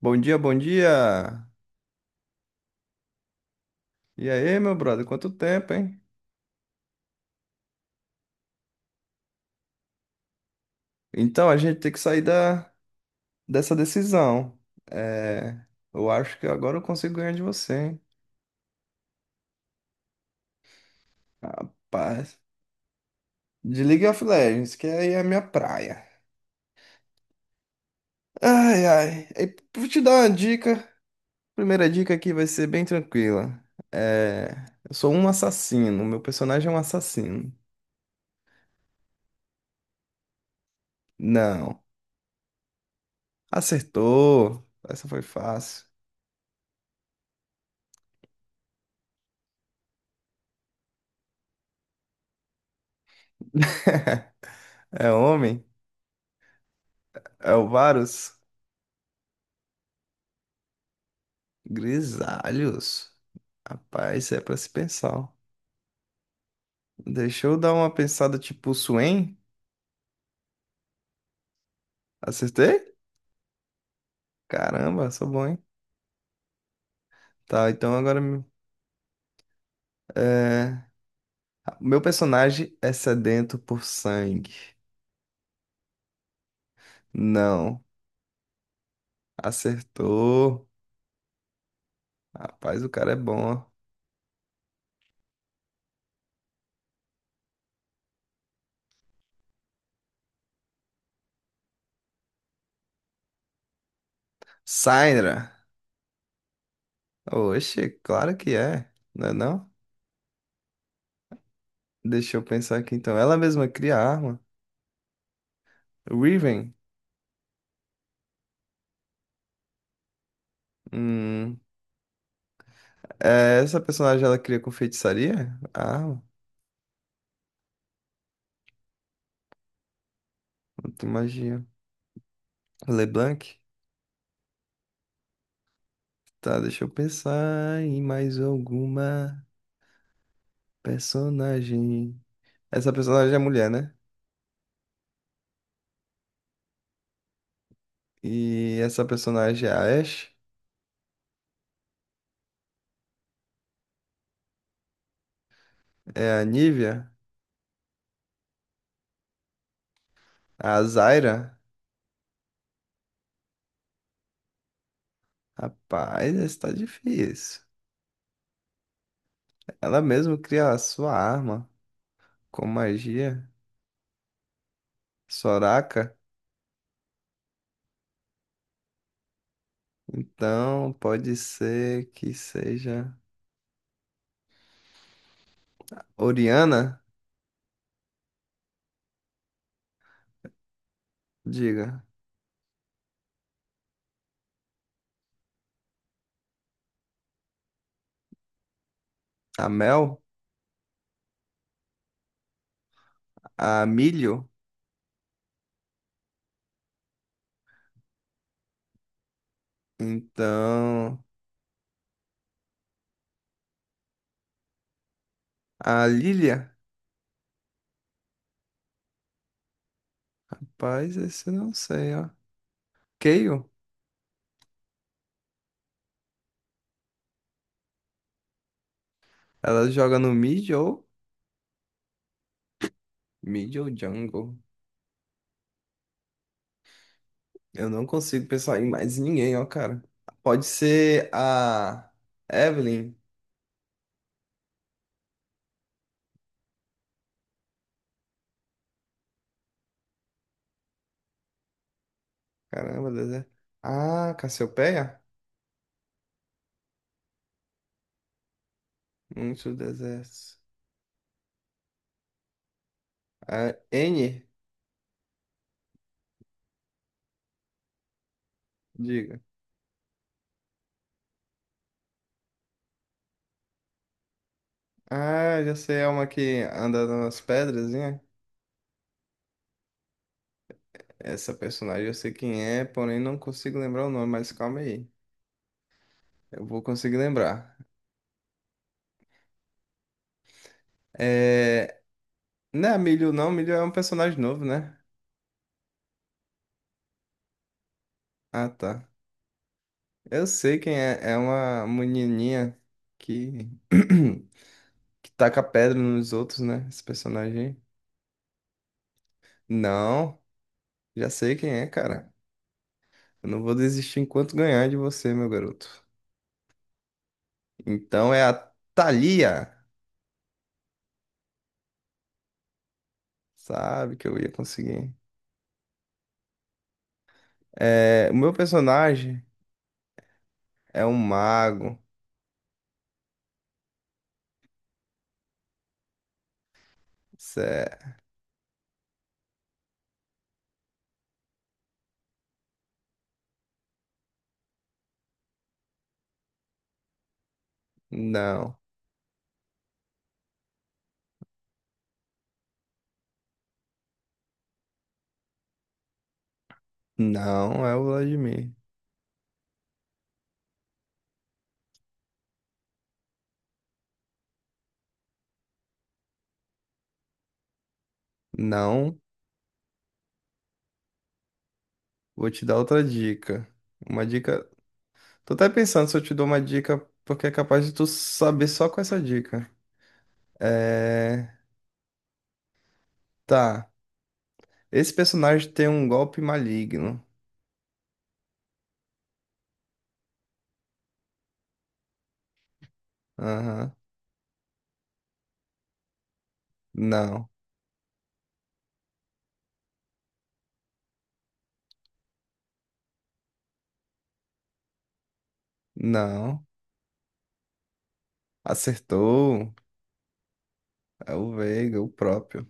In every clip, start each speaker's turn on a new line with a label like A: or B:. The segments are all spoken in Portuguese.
A: Bom dia, bom dia. E aí, meu brother, quanto tempo, hein? Então, a gente tem que sair dessa decisão. É, eu acho que agora eu consigo ganhar de você, hein? Rapaz, de League of Legends, que aí é a minha praia. Ai, ai. E vou te dar uma dica. Primeira dica aqui vai ser bem tranquila. É, eu sou um assassino, meu personagem é um assassino. Não. Acertou. Essa foi fácil. É homem? É o Varus? Grisalhos. Rapaz, isso é pra se pensar, ó. Deixa eu dar uma pensada, tipo Swain. Acertei? Caramba, sou bom, hein? Tá, então agora. É... Meu personagem é sedento por sangue. Não. Acertou. Rapaz, o cara é bom, ó. Syndra. Oxe, claro que é. Não é não? Deixa eu pensar aqui então. Ela mesma cria a arma. Riven. Hum. Essa personagem ela cria com feitiçaria? A arma? De magia. LeBlanc? Tá, deixa eu pensar em mais alguma personagem. Essa personagem é mulher, né? E essa personagem é a Ashe? É a Nívia? A Zyra? Rapaz, essa tá difícil. Ela mesmo cria a sua arma com magia. Soraka? Então pode ser que seja Oriana? Diga. A Mel? A Milho? Então. A Lilia? Rapaz, esse eu não sei, ó. Kayle, ela joga no mid ou jungle. Eu não consigo pensar em mais ninguém, ó, cara. Pode ser a Evelyn. Caramba, deserto. Ah, Cassiopeia? Muito deserto. A N, diga. Ah, já sei, é uma que anda nas pedras, né? Essa personagem eu sei quem é, porém não consigo lembrar o nome, mas calma aí. Eu vou conseguir lembrar. É... Não é a Milho, não. Milho é um personagem novo, né? Ah, tá. Eu sei quem é. É uma menininha que, que taca pedra nos outros, né? Esse personagem, aí. Não, já sei quem é, cara. Eu não vou desistir enquanto ganhar de você, meu garoto. Então é a Thalia. Sabe que eu ia conseguir. É, o meu personagem é um mago. Cé- Não, não é o Vladimir. Não, vou te dar outra dica. Uma dica. Tô até pensando se eu te dou uma dica, porque é capaz de tu saber só com essa dica. É. Tá. Esse personagem tem um golpe maligno. Aham. Não. Não. Acertou. É o Veiga, o próprio.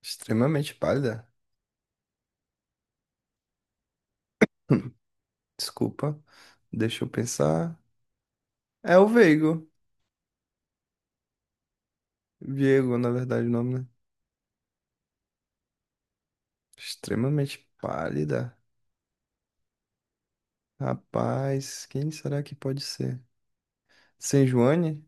A: Extremamente pálida. Desculpa. Deixa eu pensar. É o Veigo. Viego, na verdade, o nome, né? Extremamente pálida. Rapaz, quem será que pode ser? Sem Joane?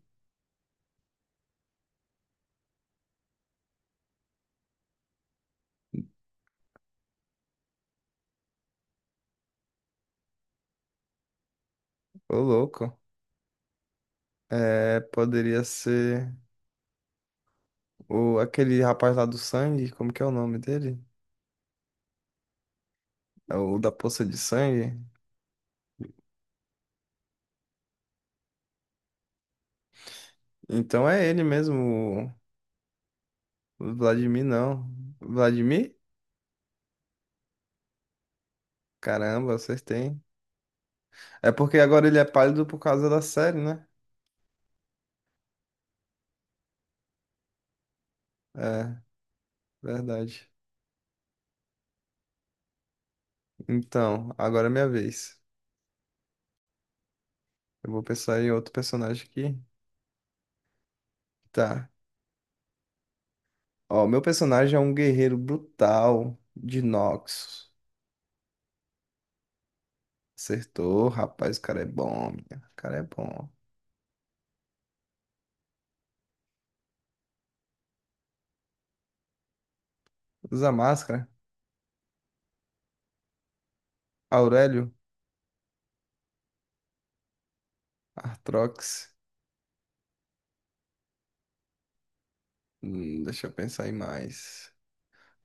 A: Ô, louco. É, poderia ser. O, aquele rapaz lá do sangue, como que é o nome dele? É o da poça de sangue. Então é ele mesmo, o Vladimir não. Vladimir? Caramba, vocês têm. É porque agora ele é pálido por causa da série, né? É, verdade. Então, agora é minha vez. Eu vou pensar em outro personagem aqui. Tá. Ó, meu personagem é um guerreiro brutal de Noxus. Acertou, rapaz, o cara é bom, minha. O cara é bom. Usa máscara. Aurélio? Artrox. Deixa eu pensar aí mais.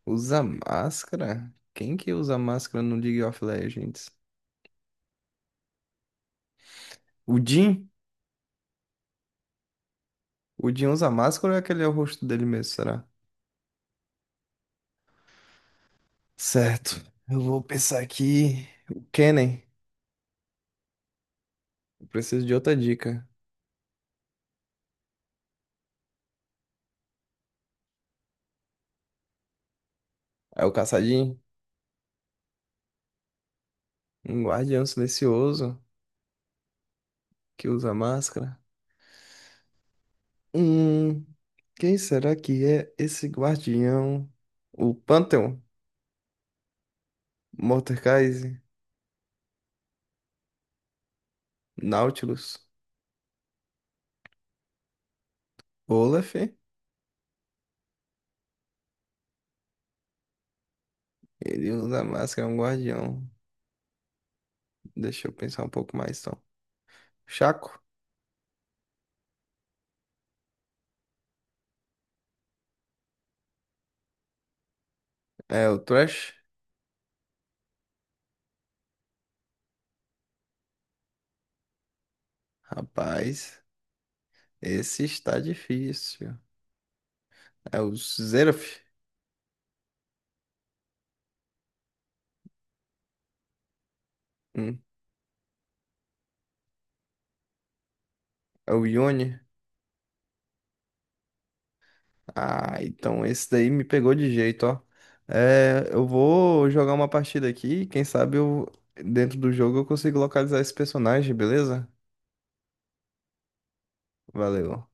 A: Usa máscara? Quem que usa máscara no League of Legends? O Jhin? O Jhin usa máscara ou é aquele é o rosto dele mesmo, será? Certo. Eu vou pensar aqui. O Kennen. Eu preciso de outra dica. É o Caçadinho? Um guardião silencioso que usa máscara? Hum, quem será que é esse guardião? O Pantheon? Mordekaiser? Nautilus? Olaf? Ele usa máscara, é um guardião. Deixa eu pensar um pouco mais, então. Chaco? É o Thresh? Rapaz, esse está difícil. É o Xerath? Hum, É o Yone? Ah, então esse daí me pegou de jeito, ó. É, eu vou jogar uma partida aqui. Quem sabe eu, dentro do jogo eu consigo localizar esse personagem, beleza? Valeu.